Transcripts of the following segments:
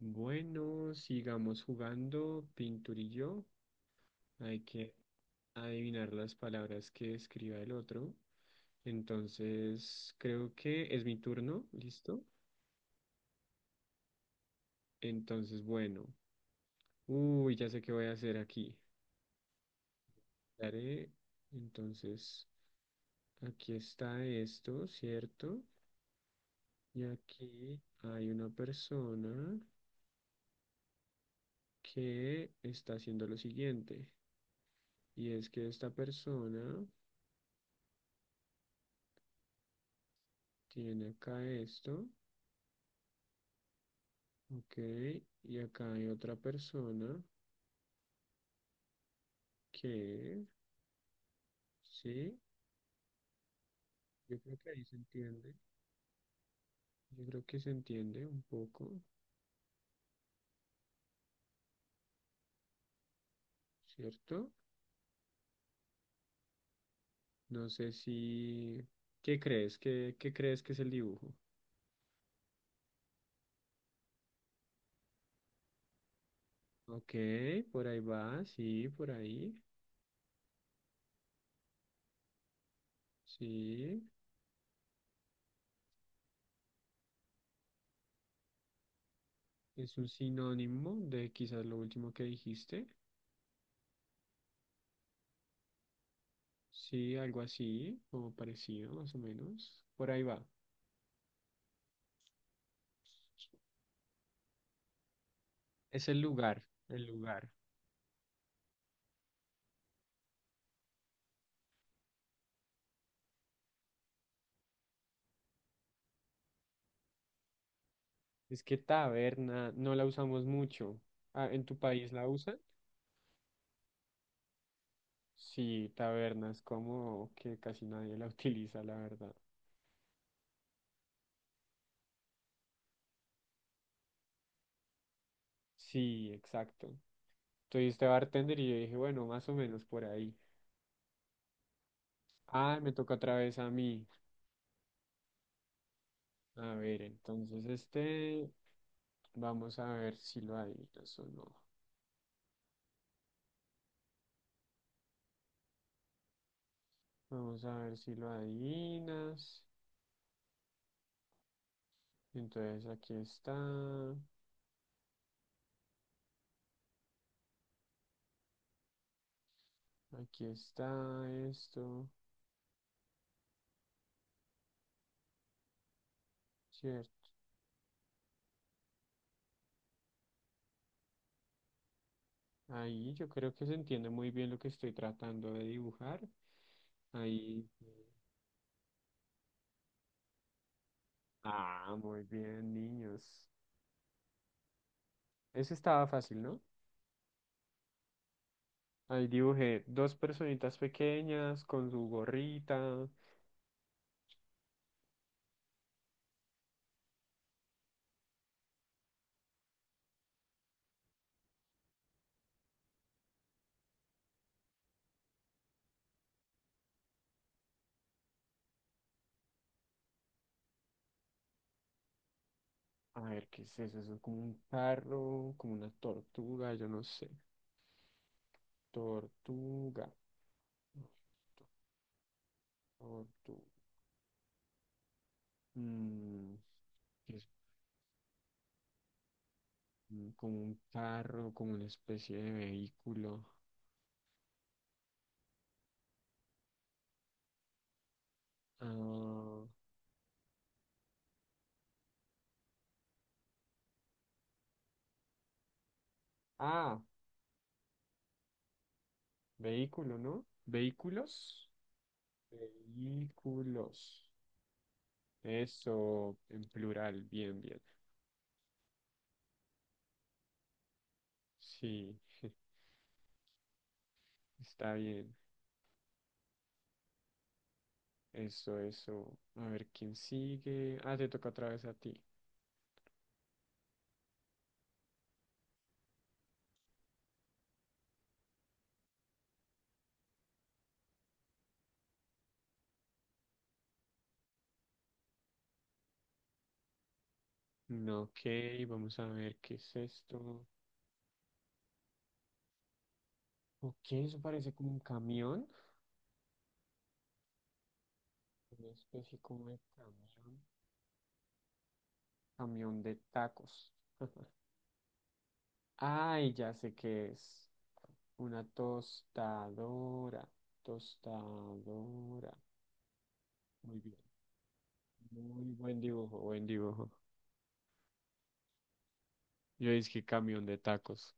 Bueno, sigamos jugando, Pinturillo. Hay que adivinar las palabras que escriba el otro. Entonces, creo que es mi turno, ¿listo? Entonces, bueno. Uy, ya sé qué voy a hacer aquí. Daré, entonces, aquí está esto, ¿cierto? Y aquí hay una persona que está haciendo lo siguiente. Y es que esta persona tiene acá esto. Ok, y acá hay otra persona que, sí, yo creo que ahí se entiende, yo creo que se entiende un poco, ¿cierto? No sé si, ¿qué crees? ¿Qué crees que es el dibujo? Ok, por ahí va, sí, por ahí, sí, es un sinónimo de quizás lo último que dijiste, sí, algo así, o parecido, más o menos, por ahí va. Es el lugar, el lugar. Es que taberna no la usamos mucho. Ah, ¿en tu país la usan? Sí, taberna es como que casi nadie la utiliza, la verdad. Sí, exacto. Soy este bartender y yo dije, bueno, más o menos por ahí. Ah, me toca otra vez a mí. A ver, entonces este, vamos a ver si lo adivinas o no. Vamos a ver si lo adivinas. Entonces aquí está esto, cierto. Ahí yo creo que se entiende muy bien lo que estoy tratando de dibujar. Ahí. Ah, muy bien, niños. Eso estaba fácil, ¿no? Ahí dibujé dos personitas pequeñas con su gorrita. A ver, ¿qué es eso? Eso es como un carro, como una tortuga, yo no sé. Tortuga. Tortuga. Mm, que es como un carro, como una especie de vehículo. Ah, ah, Vehículo, ¿no? Vehículos. Vehículos. Eso, en plural, bien, bien. Sí, está bien. Eso, eso. A ver, ¿quién sigue? Ah, te toca otra vez a ti. Ok, vamos a ver qué es esto. Ok, eso parece como un camión. Una especie como de camión. Camión de tacos. Ay, ya sé qué es. Una tostadora. Tostadora. Muy bien. Muy buen dibujo, buen dibujo. Yo dije camión de tacos.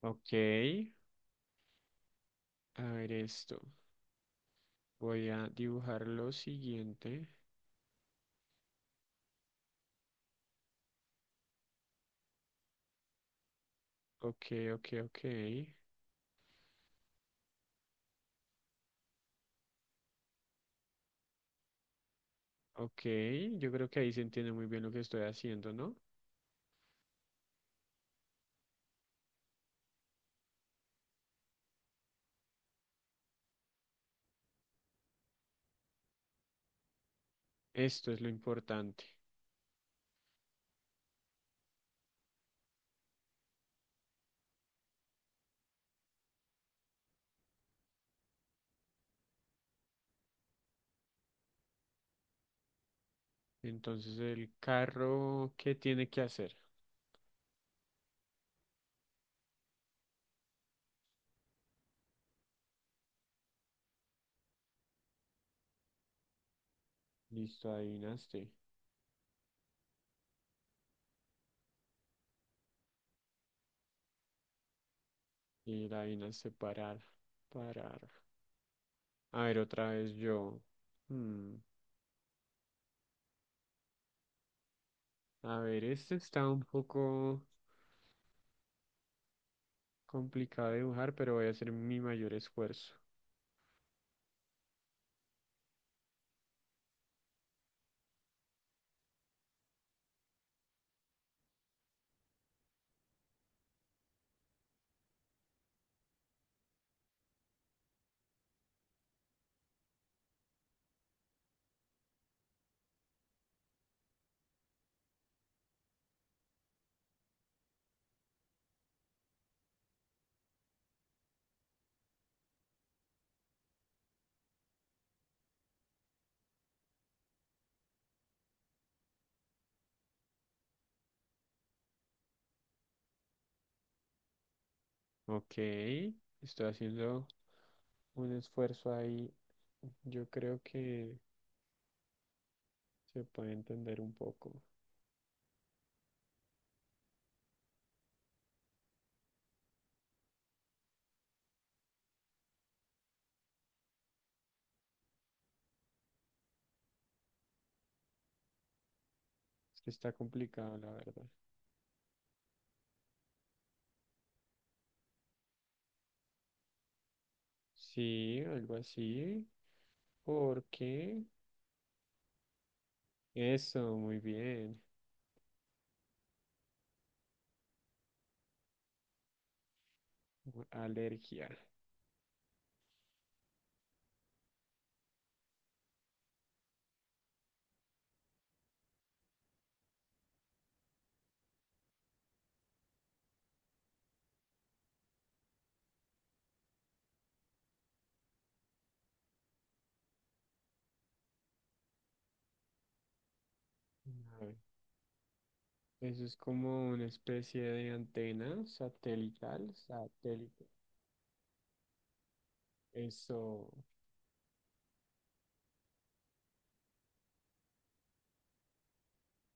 Ok. A ver esto. Voy a dibujar lo siguiente. Ok, ok, ok. Ok. Yo creo que ahí se entiende muy bien lo que estoy haciendo, ¿no? Esto es lo importante. Entonces, el carro, ¿qué tiene que hacer? Listo, adivinaste. Y la adivinaste parar. Parar. A ver, otra vez yo. Hmm, A ver, este está un poco. Complicado dibujar, pero voy a hacer mi mayor esfuerzo. Ok, estoy haciendo un esfuerzo ahí. Yo creo que se puede entender un poco. Es que está complicado, la verdad. Sí, algo así. Porque eso, muy bien. Alergia. A ver, eso es como una especie de antena satelital, satélite. Eso.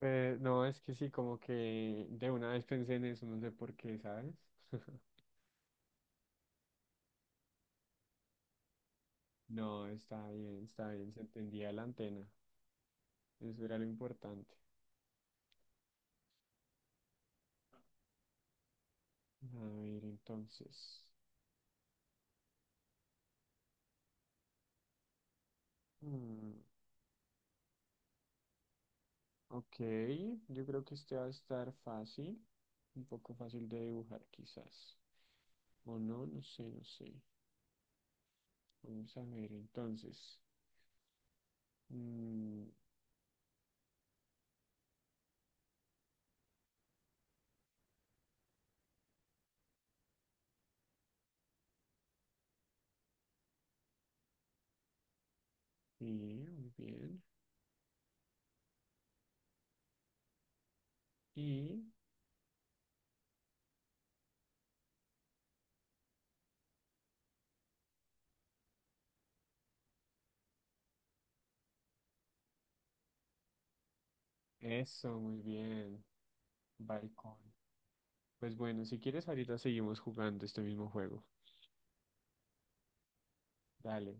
No, es que sí, como que de una vez pensé en eso, no sé por qué, ¿sabes? No, está bien, se entendía la antena. Eso era lo importante. A ver, entonces. mm, ok, yo creo que este va a estar fácil, un poco fácil de dibujar quizás. O no, no sé, no sé. Vamos a ver, entonces. Mm, sí, muy bien. Y eso, muy bien. Balcón. Pues bueno, si quieres ahorita seguimos jugando este mismo juego. Dale.